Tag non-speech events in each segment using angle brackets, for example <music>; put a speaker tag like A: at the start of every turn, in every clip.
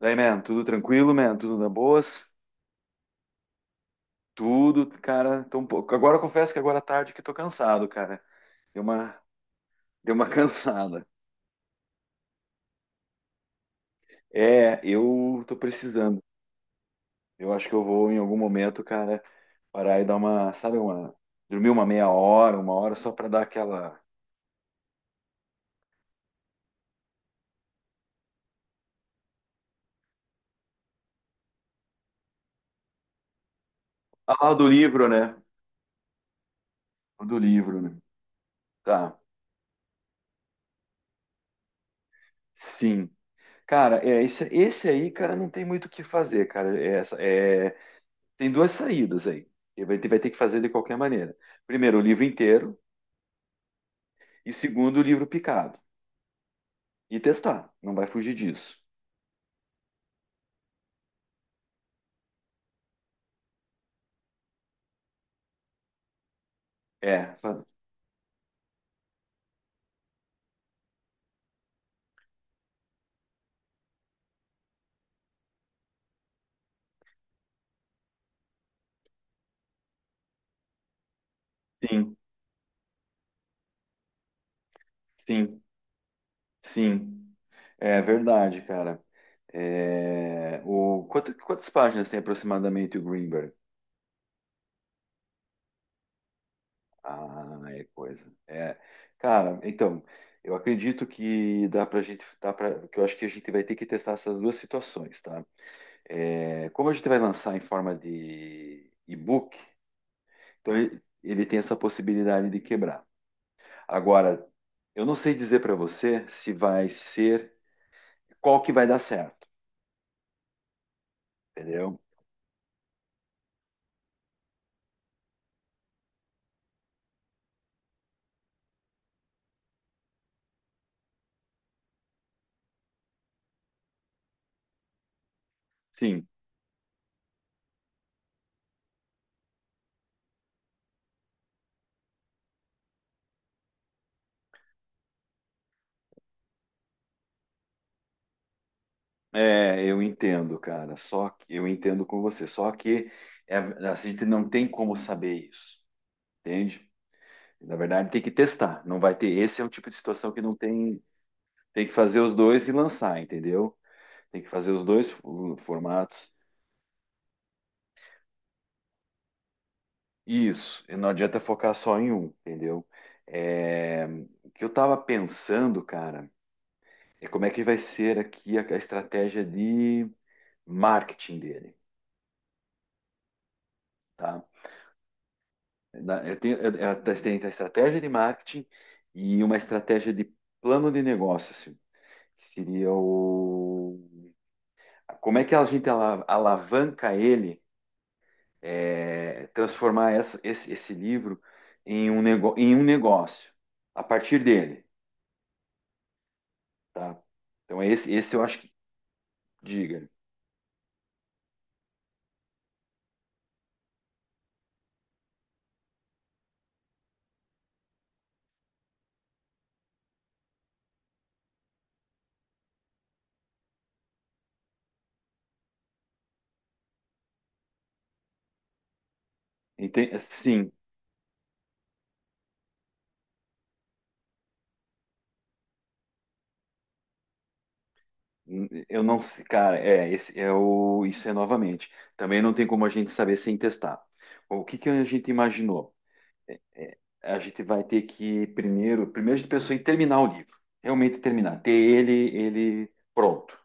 A: Daí, man, tudo tranquilo, man, tudo na boas, tudo, cara, tô um pouco. Agora eu confesso que agora à tarde que tô cansado, cara. Deu uma, deu uma <laughs> cansada. É, eu tô precisando. Eu acho que eu vou em algum momento, cara, parar e dar uma, sabe, uma, dormir uma meia hora, uma hora só pra dar aquela. Ah, o do livro, né? O do livro, né? Tá. Sim. Cara, é esse aí, cara, não tem muito o que fazer, cara. É, tem duas saídas aí. Ele vai ter que fazer de qualquer maneira. Primeiro, o livro inteiro, e segundo, o livro picado. E testar, não vai fugir disso. É, sim, sim, sim. É verdade, cara. É, quantas páginas tem aproximadamente o Greenberg? Ah, é coisa. É, cara, então, eu acredito que dá pra gente, dá pra, que eu acho que a gente vai ter que testar essas duas situações, tá? É, como a gente vai lançar em forma de e-book, então ele tem essa possibilidade de quebrar. Agora, eu não sei dizer para você se vai ser qual que vai dar certo, entendeu? Sim, é, eu entendo, cara. Só que eu entendo com você. Só que é, a gente não tem como saber isso, entende? Na verdade, tem que testar. Não vai ter. Esse é um tipo de situação que não tem. Tem que fazer os dois e lançar, entendeu? Tem que fazer os dois formatos. Isso, e não adianta focar só em um, entendeu? É, o que eu estava pensando, cara, é como é que vai ser aqui a estratégia de marketing dele, tá? Eu testei a estratégia de marketing e uma estratégia de plano de negócios, que seria o... Como é que a gente alavanca ele, é, transformar esse livro em um negócio, a partir dele. Tá? Então esse eu acho que, diga, sim, eu não sei, cara, é, isso é novamente, também não tem como a gente saber sem testar. O que que a gente imaginou? A gente vai ter que primeiro, primeiro a gente pensou em terminar o livro, realmente terminar, ter ele pronto,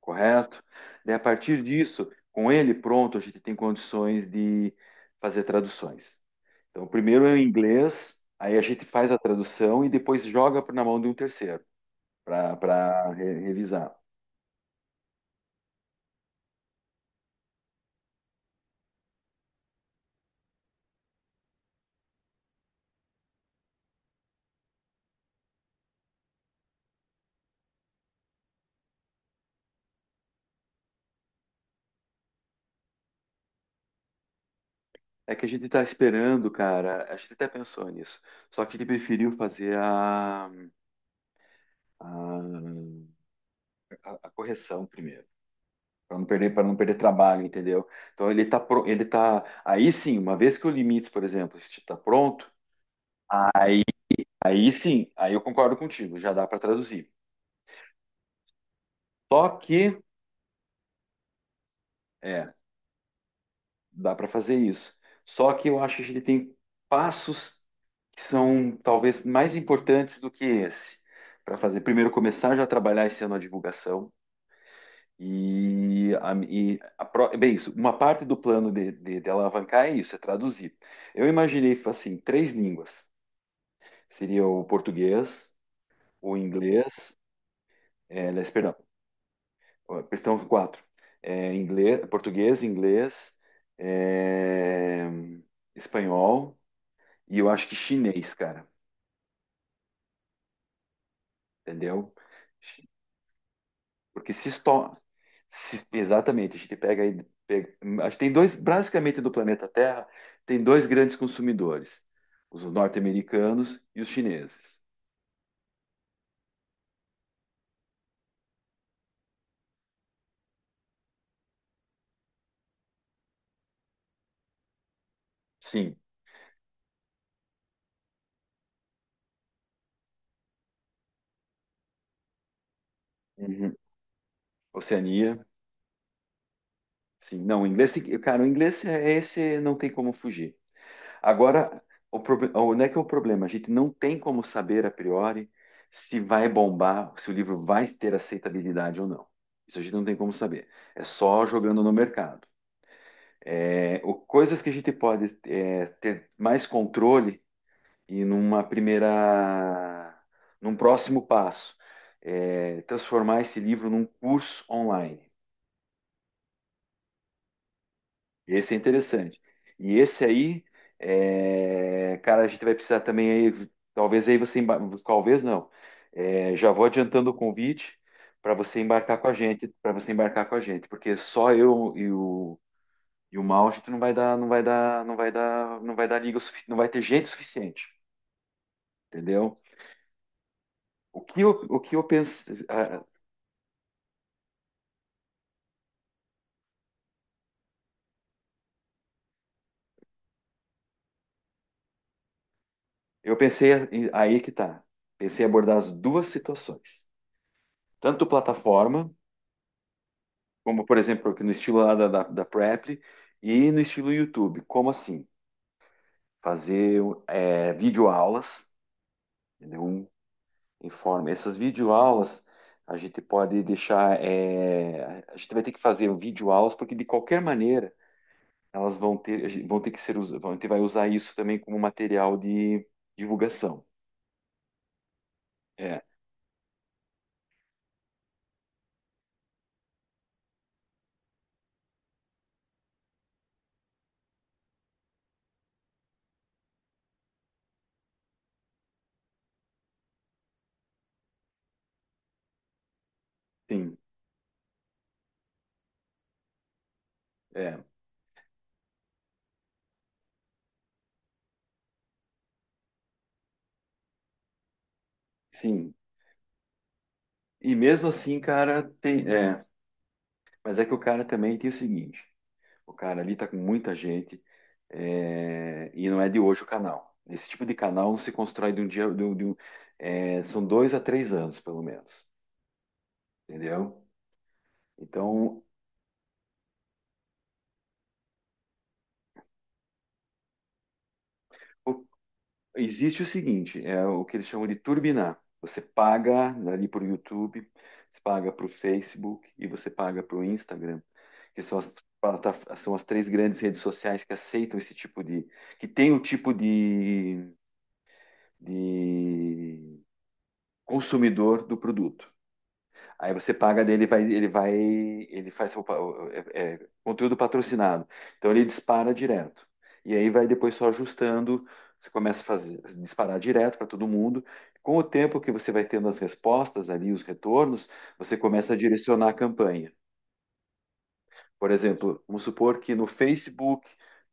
A: correto? Daí a partir disso, com ele pronto, a gente tem condições de fazer traduções. Então primeiro é o inglês, aí a gente faz a tradução e depois joga na mão de um terceiro para re revisar. É que a gente está esperando, cara, a gente até pensou nisso, só que a gente preferiu fazer a, a correção primeiro, para não perder trabalho, entendeu? Então ele tá, pro- ele tá, aí sim, uma vez que o limites, por exemplo, está pronto, aí sim, aí eu concordo contigo, já dá para traduzir. Só que, é, dá para fazer isso. Só que eu acho que a gente tem passos que são talvez mais importantes do que esse para fazer. Primeiro, começar já a trabalhar esse ano a divulgação. Bem, isso, uma parte do plano de alavancar é isso, é traduzir. Eu imaginei assim, três línguas. Seria o português, o inglês, aliás, perdão, questão quatro. É, inglês, português, inglês, é, espanhol, e eu acho que chinês, cara, entendeu? Chi- Porque se, esto- se- exatamente, a gente pega aí, acho que tem dois, basicamente do planeta Terra, tem dois grandes consumidores, os norte-americanos e os chineses. Sim. Uhum. Oceania, sim. Não, o inglês tem que, cara, o inglês é esse, não tem como fugir. Agora, onde é que é o problema? A gente não tem como saber a priori se vai bombar, se o livro vai ter aceitabilidade ou não. Isso a gente não tem como saber. É só jogando no mercado. É, coisas que a gente pode é, ter mais controle e num próximo passo, é, transformar esse livro num curso online. Esse é interessante. E esse aí, é, cara, a gente vai precisar também aí, talvez aí você, talvez não. É, já vou adiantando o convite para você embarcar com a gente, para você embarcar com a gente, porque só eu e o Mal, a gente não vai dar, não vai dar, não vai dar, não vai dar liga, não vai ter gente suficiente, entendeu? O que eu pensei, aí que tá. Pensei em abordar as duas situações, tanto plataforma como, por exemplo, aqui no estilo lá da Preply e no estilo YouTube. Como assim? Fazer videoaulas, entendeu? Um, em forma. Essas videoaulas a gente pode deixar. A gente vai ter que fazer um videoaulas, porque de qualquer maneira elas vão ter, vão ter que ser usadas. A gente vai usar isso também como material de divulgação. É, sim, é, sim. E mesmo assim, cara, tem. É, mas é que o cara também tem o seguinte: o cara ali tá com muita gente. É, e não é de hoje o canal. Esse tipo de canal não se constrói de um dia. São 2 a 3 anos, pelo menos. Entendeu? Então, o- existe o seguinte: é o que eles chamam de turbinar. Você paga ali para o YouTube, você paga para o Facebook e você paga para o Instagram, que são as três grandes redes sociais que aceitam esse tipo de. Que tem o tipo de consumidor do produto. Aí você paga dele, ele faz seu pa- é, é, conteúdo patrocinado. Então ele dispara direto. E aí vai depois só ajustando. Você começa a fazer, disparar direto para todo mundo. Com o tempo que você vai tendo as respostas ali, os retornos, você começa a direcionar a campanha. Por exemplo, vamos supor que no Facebook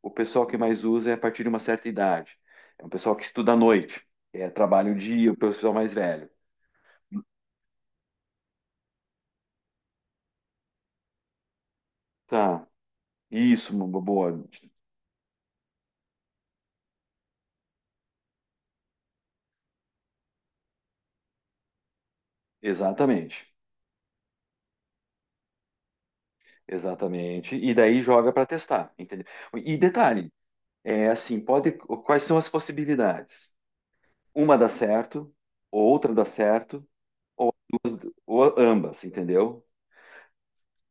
A: o pessoal que mais usa é a partir de uma certa idade. É um pessoal que estuda à noite, trabalha o dia, o pessoal mais velho. Tá, isso, uma boa. Exatamente. Exatamente. E daí joga para testar, entendeu? E detalhe, é assim, pode, quais são as possibilidades? Uma dá certo, outra dá certo, ou ambas, entendeu?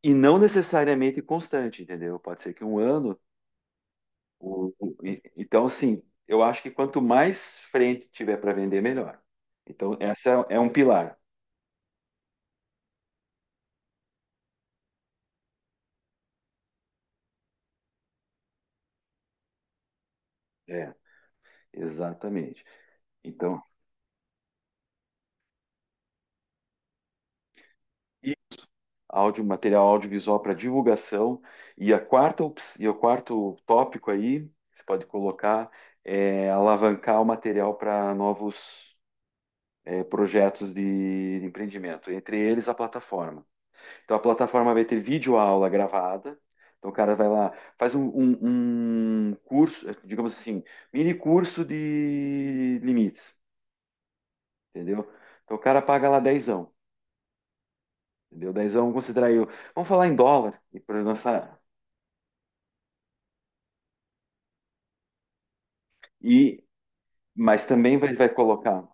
A: E não necessariamente constante, entendeu? Pode ser que um ano, então assim, eu acho que quanto mais frente tiver para vender, melhor. Então, essa é um pilar. É, exatamente. Então, áudio, material audiovisual para divulgação. E e o quarto tópico aí, que você pode colocar, é alavancar o material para novos projetos de empreendimento, entre eles a plataforma. Então, a plataforma vai ter videoaula gravada. Então, o cara vai lá, faz um curso, digamos assim, mini curso de limites, entendeu? Então, o cara paga lá dezão, entendeu? Dezão, vamos considerar aí, vamos falar em dólar, e para nossa, e mas também vai, vai colocar.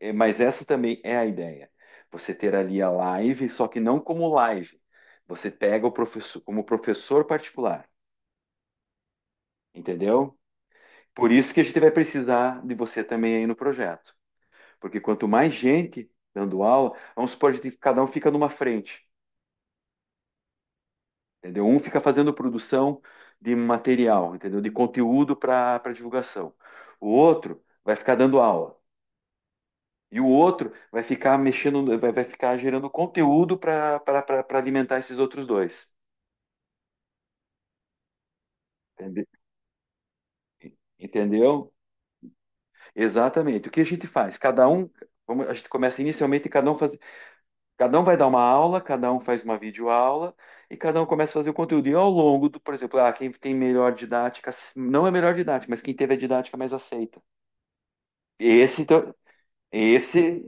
A: Mas essa também é a ideia. Você ter ali a live, só que não como live. Você pega o professor como professor particular, entendeu? Por isso que a gente vai precisar de você também aí no projeto. Porque quanto mais gente dando aula, vamos supor, cada um fica numa frente, entendeu? Um fica fazendo produção de material, entendeu? De conteúdo para divulgação. O outro vai ficar dando aula. E o outro vai ficar mexendo, vai ficar gerando conteúdo para alimentar esses outros dois. Entende- Entendeu? Exatamente. O que a gente faz? Cada um, a gente começa inicialmente, cada um faz, cada um vai dar uma aula, cada um faz uma videoaula e cada um começa a fazer o conteúdo. E ao longo do, por exemplo, quem tem melhor didática, não é melhor didática, mas quem teve a didática mais aceita. Esse, então, esse,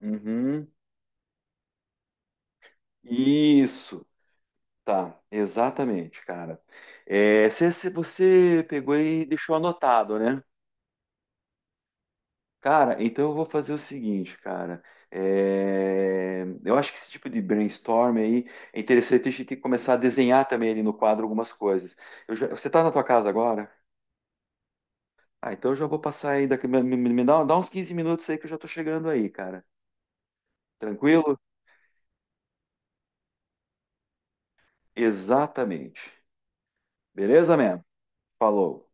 A: uhum, isso. Tá, exatamente, cara. É, se você pegou e deixou anotado, né? Cara, então eu vou fazer o seguinte, cara. É, eu acho que esse tipo de brainstorm aí é interessante, a gente tem que começar a desenhar também ali no quadro algumas coisas. Você tá na tua casa agora? Ah, então eu já vou passar aí daqui, me dá uns 15 minutos aí que eu já tô chegando aí, cara. Tranquilo? Exatamente. Beleza, man? Falou.